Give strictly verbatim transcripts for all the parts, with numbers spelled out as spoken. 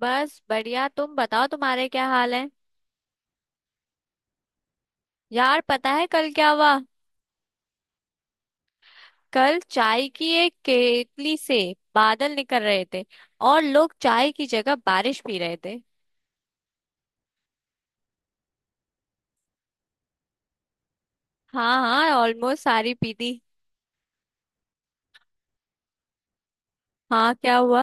बस बढ़िया। तुम बताओ, तुम्हारे क्या हाल है? यार, पता है कल क्या हुआ? कल चाय की एक केतली से बादल निकल रहे थे, और लोग चाय की जगह बारिश पी रहे थे। हाँ हाँ, ऑलमोस्ट सारी पी दी। हाँ, क्या हुआ?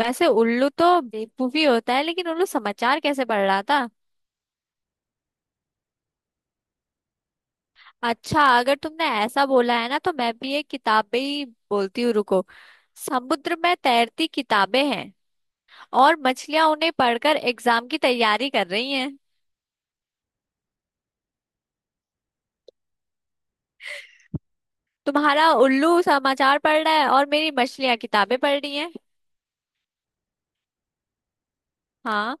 वैसे उल्लू तो बेवकूफी होता है, लेकिन उल्लू समाचार कैसे पढ़ रहा था? अच्छा, अगर तुमने ऐसा बोला है ना, तो मैं भी एक किताब पे ही बोलती हूँ, रुको। समुद्र में तैरती किताबें हैं, और मछलियां उन्हें पढ़कर एग्जाम की तैयारी कर रही हैं। तुम्हारा उल्लू समाचार पढ़ रहा है और मेरी मछलियां किताबें पढ़ रही हैं। हाँ।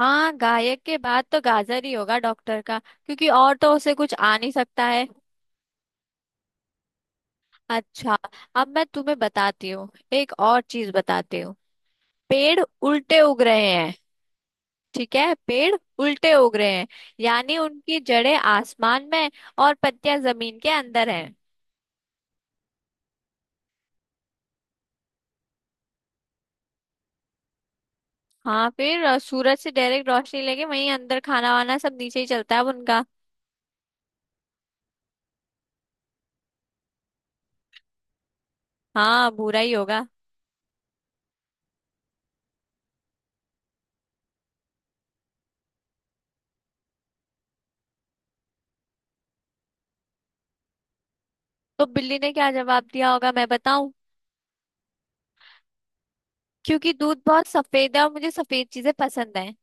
हाँ, गायक के बाद तो गाजर ही होगा डॉक्टर का, क्योंकि और तो उसे कुछ आ नहीं सकता है। अच्छा, अब मैं तुम्हें बताती हूँ, एक और चीज बताती हूँ। पेड़ उल्टे उग रहे हैं। ठीक है, पेड़ उल्टे उग रहे हैं। यानी उनकी जड़ें आसमान में, और पत्तियां जमीन के अंदर हैं। हाँ, फिर अ, सूरज से डायरेक्ट रोशनी लेके वहीं अंदर खाना वाना सब नीचे ही चलता है अब उनका। हाँ, भूरा ही होगा। तो बिल्ली ने क्या जवाब दिया होगा, मैं बताऊं? क्योंकि दूध बहुत सफेद है, और मुझे सफेद चीजें पसंद है।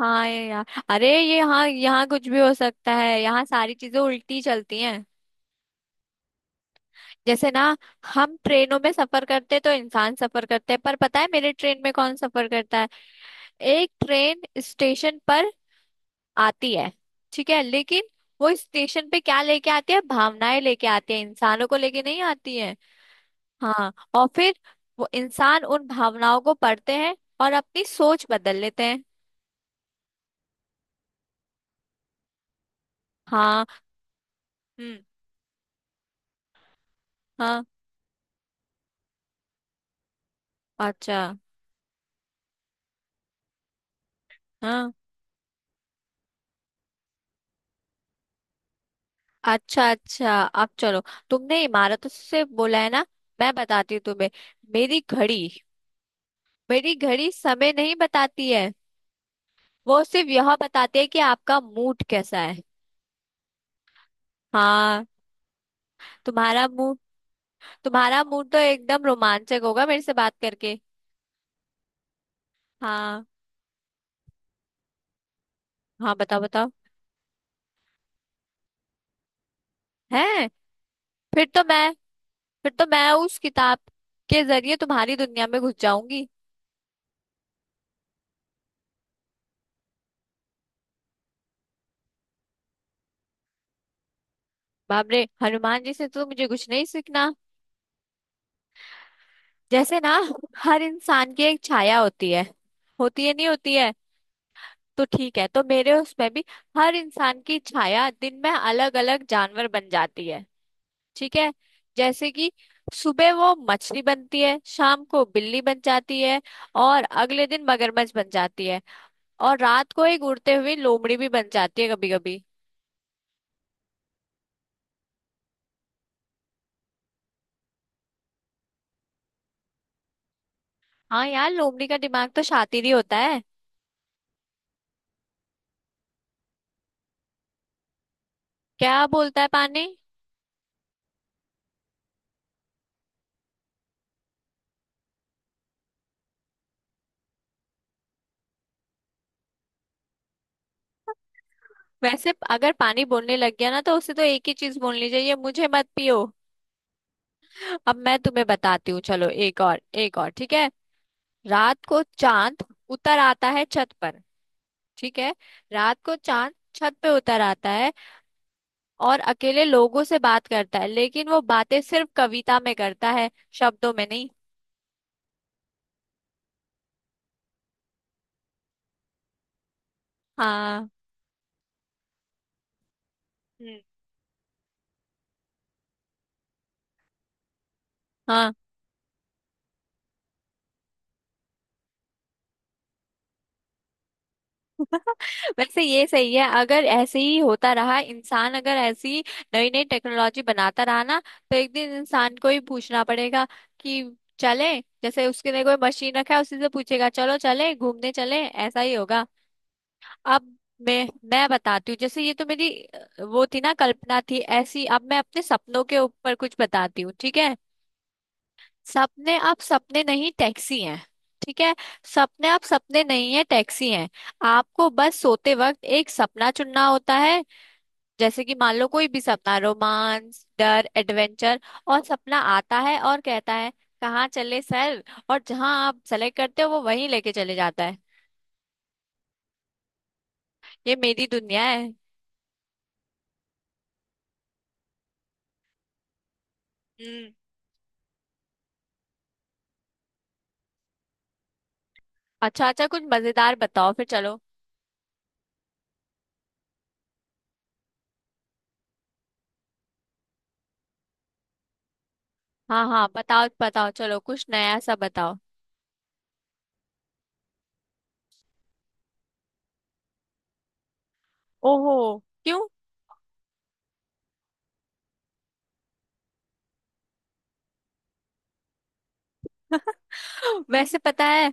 हाँ, ये यार। अरे ये, हाँ, यहाँ कुछ भी हो सकता है। यहाँ सारी चीजें उल्टी चलती हैं। जैसे ना, हम ट्रेनों में सफर करते तो इंसान सफर करते हैं, पर पता है मेरे ट्रेन में कौन सफर करता है? एक ट्रेन स्टेशन पर आती है, ठीक है, लेकिन वो स्टेशन पे क्या लेके आती है? भावनाएं लेके आती है, इंसानों को लेके नहीं आती है। हाँ, और फिर वो इंसान उन भावनाओं को पढ़ते हैं और अपनी सोच बदल लेते हैं। हाँ। हम्म। हाँ। अच्छा। हाँ। अच्छा अच्छा, अब चलो, तुमने इमारतों से बोला है ना, मैं बताती हूँ तुम्हें। मेरी घड़ी, मेरी घड़ी समय नहीं बताती है। वो सिर्फ यह बताती है कि आपका मूड कैसा है। हाँ, तुम्हारा मूड, तुम्हारा मूड तो एकदम रोमांचक होगा मेरे से बात करके। हाँ। हाँ, बताओ बताओ। है? फिर तो मैं, फिर तो मैं उस किताब के जरिए तुम्हारी दुनिया में घुस जाऊंगी। बाप रे, हनुमान जी से तो मुझे कुछ नहीं सीखना। जैसे ना, हर इंसान की एक छाया होती है, होती है नहीं होती है, तो ठीक है, तो मेरे उसमें भी हर इंसान की छाया दिन में अलग अलग जानवर बन जाती है। ठीक है, जैसे कि सुबह वो मछली बनती है, शाम को बिल्ली बन जाती है, और अगले दिन मगरमच्छ बन जाती है, और रात को एक उड़ते हुए लोमड़ी भी बन जाती है कभी कभी। हाँ यार, लोमड़ी का दिमाग तो शातिर ही होता है। क्या बोलता है पानी? वैसे अगर पानी बोलने लग गया ना, तो उसे तो एक ही चीज बोलनी चाहिए, मुझे मत पियो। अब मैं तुम्हें बताती हूँ, चलो एक और, एक और, ठीक है। रात को चांद उतर आता है छत पर, ठीक है, रात को चांद छत पे उतर आता है, और अकेले लोगों से बात करता है, लेकिन वो बातें सिर्फ कविता में करता है, शब्दों में नहीं। हाँ। हम्म। हाँ। वैसे ये सही है, अगर ऐसे ही होता रहा, इंसान अगर ऐसी नई नई टेक्नोलॉजी बनाता रहा ना, तो एक दिन इंसान को ही पूछना पड़ेगा कि चले, जैसे उसके लिए कोई मशीन रखा है, उसी से पूछेगा, चलो चले घूमने, चले, ऐसा ही होगा। अब मैं मैं बताती हूँ, जैसे ये तो मेरी अ, वो थी ना, कल्पना थी ऐसी, अब मैं अपने सपनों के ऊपर कुछ बताती हूँ, ठीक है। सपने आप सपने नहीं, टैक्सी हैं। ठीक है, सपने आप सपने नहीं है, टैक्सी हैं। आपको बस सोते वक्त एक सपना चुनना होता है, जैसे कि मान लो कोई भी सपना, रोमांस, डर, एडवेंचर। और सपना आता है और कहता है, कहाँ चले सर? और जहाँ आप सेलेक्ट करते हो, वो वहीं लेके चले जाता है। ये मेरी दुनिया है। हम्म। अच्छा अच्छा, कुछ मजेदार बताओ फिर, चलो। हाँ हाँ, बताओ बताओ, चलो कुछ नया सा बताओ। ओहो। क्यों? वैसे पता है,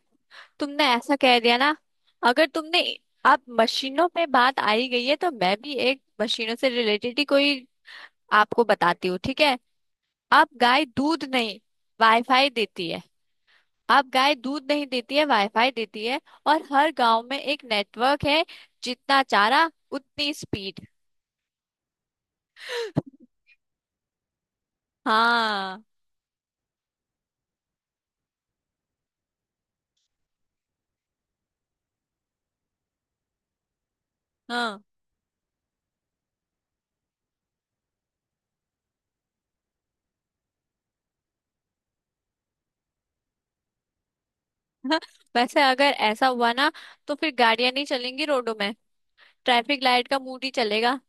तुमने ऐसा कह दिया ना, अगर तुमने, आप मशीनों पे बात आई गई है, तो मैं भी एक मशीनों से रिलेटेड ही कोई आपको बताती हूँ, ठीक है। आप गाय दूध नहीं, वाईफाई देती है। आप गाय दूध नहीं देती है, वाईफाई देती है। और हर गांव में एक नेटवर्क है, जितना चारा उतनी स्पीड। हाँ। हाँ। वैसे अगर ऐसा हुआ ना, तो फिर गाड़ियां नहीं चलेंगी रोडों में, ट्रैफिक लाइट का मूड ही चलेगा।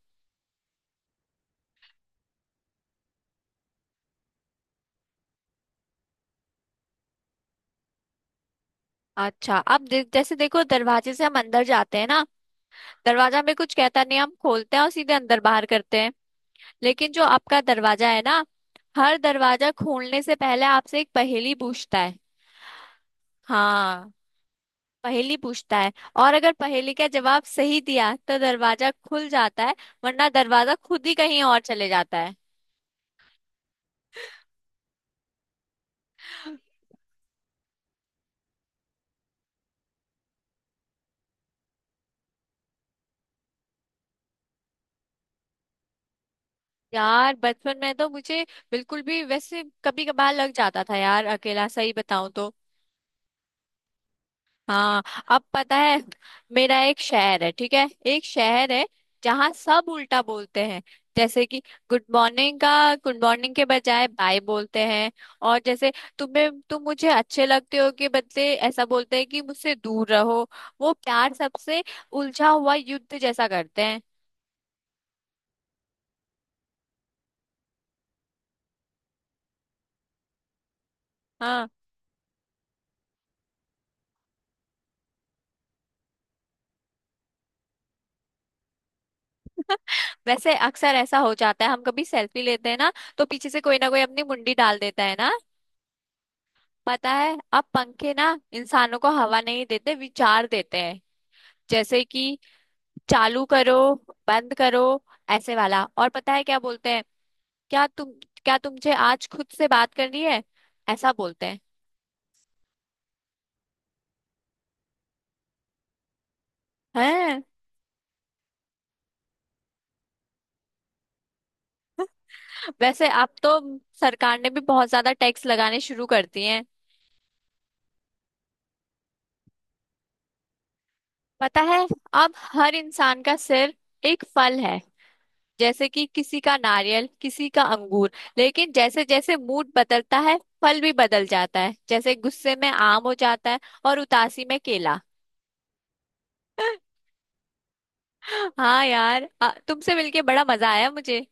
अच्छा, अब दे, जैसे देखो, दरवाजे से हम अंदर जाते हैं ना, दरवाजा हमें कुछ कहता नहीं, हम खोलते हैं और सीधे अंदर बाहर करते हैं। लेकिन जो आपका दरवाजा है ना, हर दरवाजा खोलने से पहले आपसे एक पहेली पूछता है। हाँ, पहेली पूछता है, और अगर पहेली का जवाब सही दिया तो दरवाजा खुल जाता है, वरना दरवाजा खुद ही कहीं और चले जाता है। यार बचपन में तो मुझे बिल्कुल भी, वैसे कभी कभार लग जाता था यार अकेला, सही बताऊं तो। हाँ। अब पता है, मेरा एक शहर है, ठीक है, एक शहर है जहाँ सब उल्टा बोलते हैं। जैसे कि गुड मॉर्निंग का, गुड मॉर्निंग के बजाय बाय बोलते हैं। और जैसे, तुम्हें तुम मुझे अच्छे लगते हो के बदले ऐसा बोलते हैं कि मुझसे दूर रहो। वो प्यार सबसे उलझा हुआ युद्ध जैसा करते हैं। हाँ, वैसे अक्सर ऐसा हो जाता है, हम कभी सेल्फी लेते हैं ना, तो पीछे से कोई ना कोई अपनी मुंडी डाल देता है ना। पता है, अब पंखे ना इंसानों को हवा नहीं देते, विचार देते हैं। जैसे कि, चालू करो, बंद करो, ऐसे वाला। और पता है क्या बोलते हैं? क्या तुम क्या तुमसे आज खुद से बात करनी है, ऐसा बोलते हैं। हैं? वैसे अब तो सरकार ने भी बहुत ज्यादा टैक्स लगाने शुरू कर दिए हैं। पता है, अब हर इंसान का सिर एक फल है। जैसे कि किसी का नारियल, किसी का अंगूर, लेकिन जैसे जैसे मूड बदलता है फल भी बदल जाता है। जैसे गुस्से में आम हो जाता है, और उदासी में केला। हाँ यार, आ, तुमसे मिलके बड़ा मजा आया मुझे।